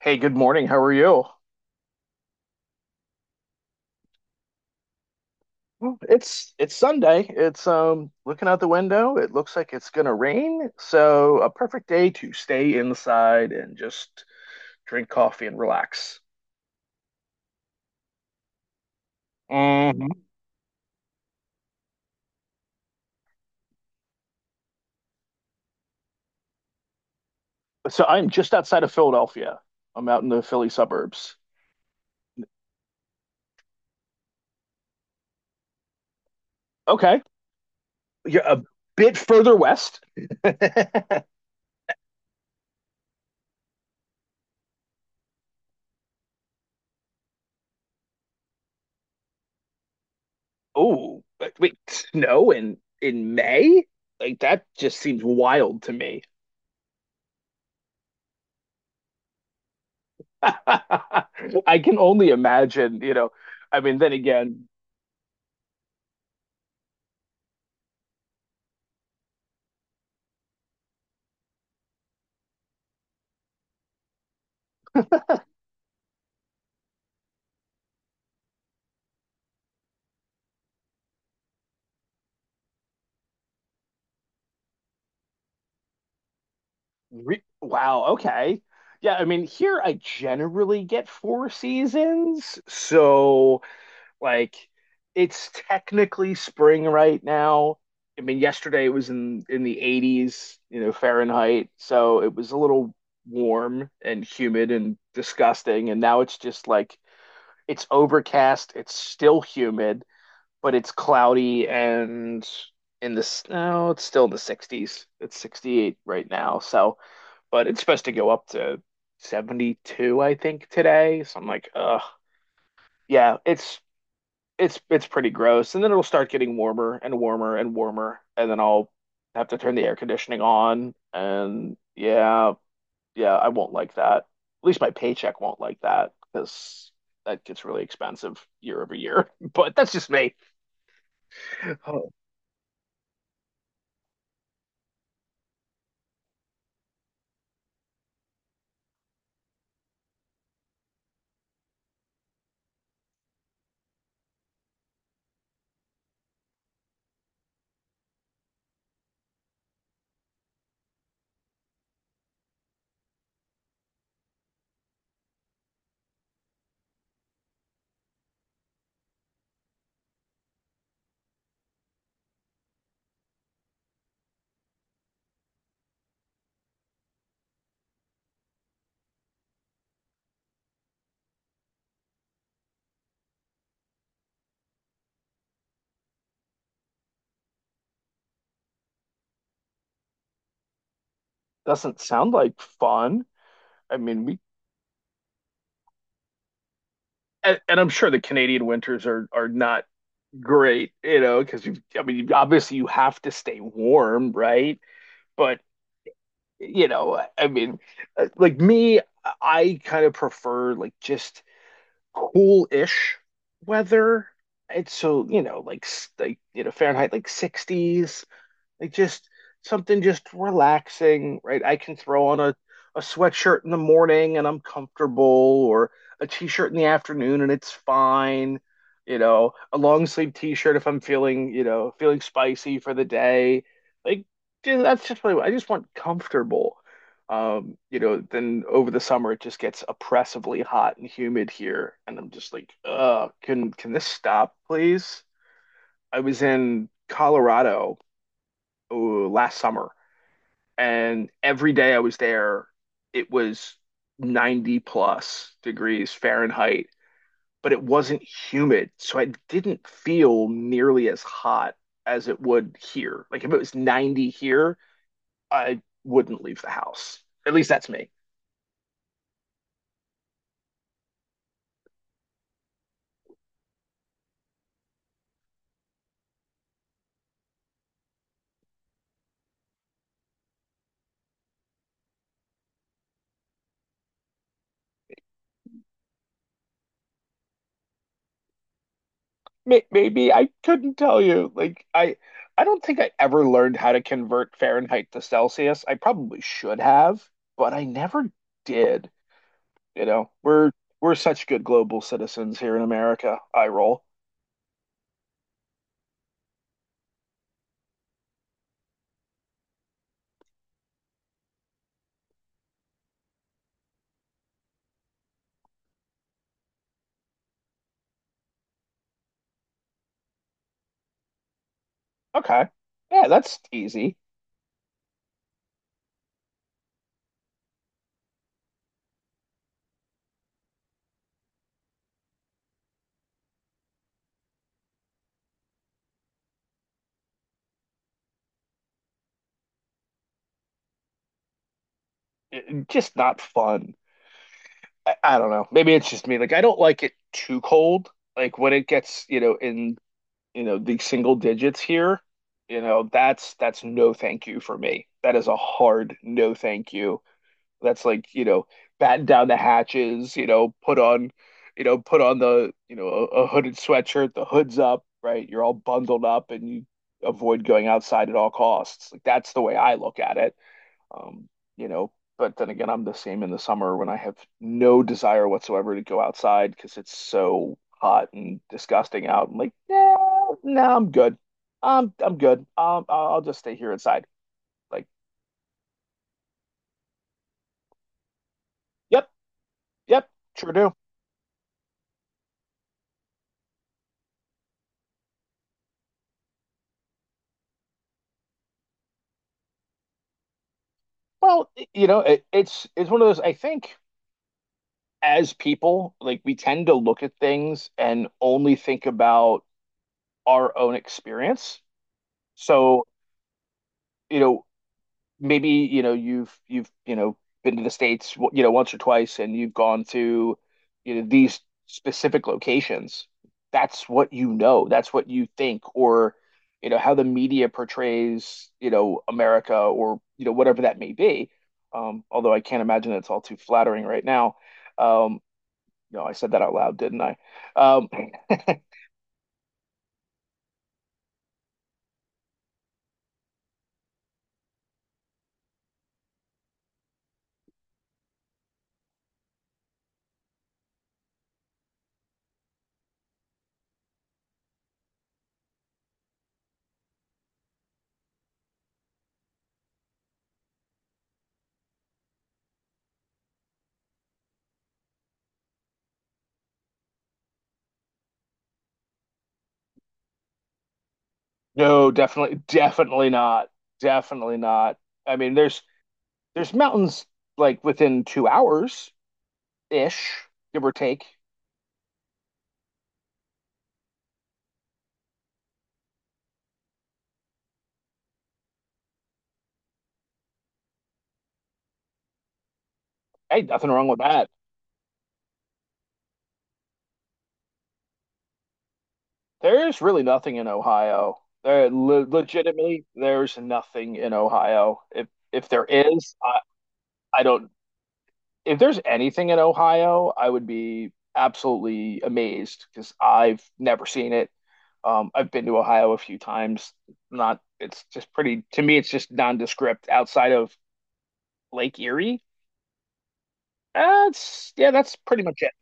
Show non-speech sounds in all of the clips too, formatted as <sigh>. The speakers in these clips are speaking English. Hey, good morning. How are you? Well, it's Sunday. It's Looking out the window, it looks like it's gonna rain. So a perfect day to stay inside and just drink coffee and relax. Mhm. So I'm just outside of Philadelphia. I'm out in the Philly suburbs. Okay. You're a bit further west. <laughs> Oh, but wait, snow in May? Like that just seems wild to me. <laughs> I can only imagine. I mean, then again, re wow, okay. Yeah, I mean, here I generally get four seasons. So, like, it's technically spring right now. I mean, yesterday it was in the 80s, you know, Fahrenheit, so it was a little warm and humid and disgusting, and now it's just like it's overcast, it's still humid. But it's cloudy and in the no, it's still in the 60s. It's 68 right now. So, but it's supposed to go up to 72, I think, today. So I'm like, ugh, yeah, it's pretty gross. And then it'll start getting warmer and warmer and warmer, and then I'll have to turn the air conditioning on. And yeah, yeah, I won't like that. At least my paycheck won't like that because that gets really expensive year over year. <laughs> But that's just me. Oh. Doesn't sound like fun. I mean, we and I'm sure the Canadian winters are not great, you know, because you I mean, obviously you have to stay warm, right? But you know, I mean, like me, I kind of prefer like just cool-ish weather. And so, you know, like you know, Fahrenheit like 60s, like just something just relaxing, right? I can throw on a sweatshirt in the morning and I'm comfortable, or a t-shirt in the afternoon and it's fine. You know, a long sleeve t-shirt if I'm feeling, you know, feeling spicy for the day. Like dude, that's just really. I just want comfortable. You know, then over the summer it just gets oppressively hot and humid here, and I'm just like, can this stop, please? I was in Colorado, oh, last summer, and every day I was there, it was 90 plus degrees Fahrenheit, but it wasn't humid. So I didn't feel nearly as hot as it would here. Like if it was 90 here, I wouldn't leave the house. At least that's me. Maybe I couldn't tell you. Like I don't think I ever learned how to convert Fahrenheit to Celsius. I probably should have, but I never did. You know, we're such good global citizens here in America. I roll. Okay. Yeah, that's easy. Just not fun. I don't know. Maybe it's just me. Like I don't like it too cold. Like when it gets, you know, in, you know, the single digits here, you know, that's no thank you for me. That is a hard no thank you. That's like, you know, batten down the hatches, you know, put on, you know, put on the, you know, a hooded sweatshirt, the hood's up, right? You're all bundled up and you avoid going outside at all costs. Like that's the way I look at it. Um, you know, but then again, I'm the same in the summer when I have no desire whatsoever to go outside because it's so hot and disgusting out. I'm like, no, no, I'm good. I'm good. I'll just stay here inside. Like, yep, yep, sure do. Well, you know, it's one of those. I think as people, like we tend to look at things and only think about our own experience. So, you know, maybe you know you've you know been to the States you know once or twice and you've gone to you know these specific locations. That's what you know. That's what you think, or you know how the media portrays you know America or you know whatever that may be. Although I can't imagine it's all too flattering right now. Um, no, I said that out loud, didn't I? Um, no, definitely, definitely not. Definitely not. I mean, there's mountains like within 2 hours. Ish, give or take. Ain't nothing wrong with that. There's really nothing in Ohio. There, le Legitimately, there's nothing in Ohio. If there is, I don't. If there's anything in Ohio, I would be absolutely amazed because I've never seen it. I've been to Ohio a few times. Not, it's just pretty. To me, it's just nondescript outside of Lake Erie. That's Yeah, that's pretty much it.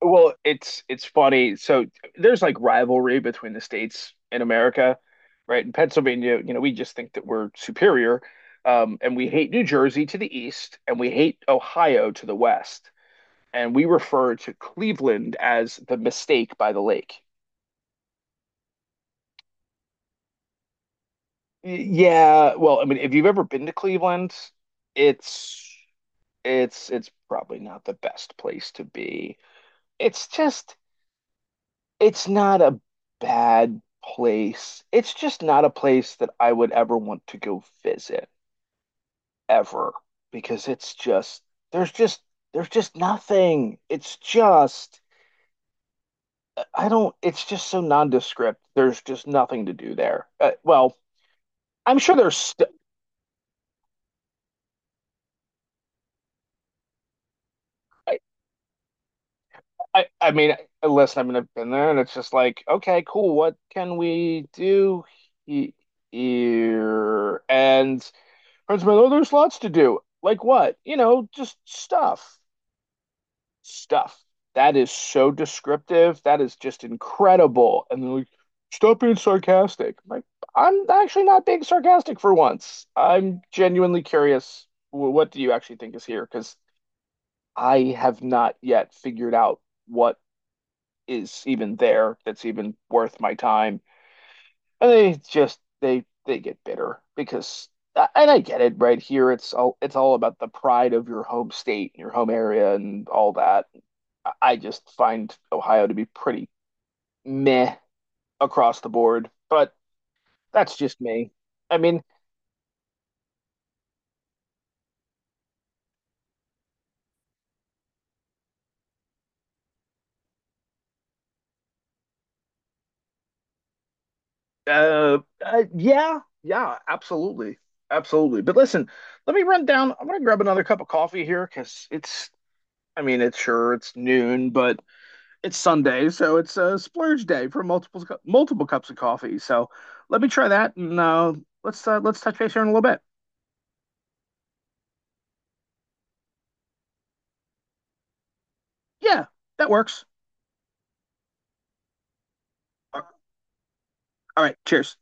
Well, it's funny. So there's like rivalry between the states in America, right? In Pennsylvania, you know, we just think that we're superior, and we hate New Jersey to the east, and we hate Ohio to the west, and we refer to Cleveland as the mistake by the lake. Y- Yeah, well, I mean, if you've ever been to Cleveland, it's it's probably not the best place to be. It's just it's not a bad place. It's just not a place that I would ever want to go visit ever because it's just there's just there's just nothing. It's just so nondescript. There's just nothing to do there. Well, I'm sure there's st I, I mean, listen, I mean I've been there and it's just like, okay, cool. What can we do he here? And Prince there's lots to do. Like what? You know, just stuff. Stuff. That is so descriptive. That is just incredible. And they're like, stop being sarcastic. I'm like, I'm actually not being sarcastic for once. I'm genuinely curious. What do you actually think is here? Because I have not yet figured out what is even there that's even worth my time. And they just they get bitter because and I get it, right? Here it's all about the pride of your home state, your home area, and all that. I just find Ohio to be pretty meh across the board, but that's just me. I mean, uh, yeah, yeah, absolutely, absolutely, but listen, let me run down. I'm gonna grab another cup of coffee here because it's I mean, it's sure, it's noon, but it's Sunday, so it's a splurge day for multiple multiple cups of coffee. So let me try that, and let's touch base here in a little bit. Yeah, that works. All right, cheers.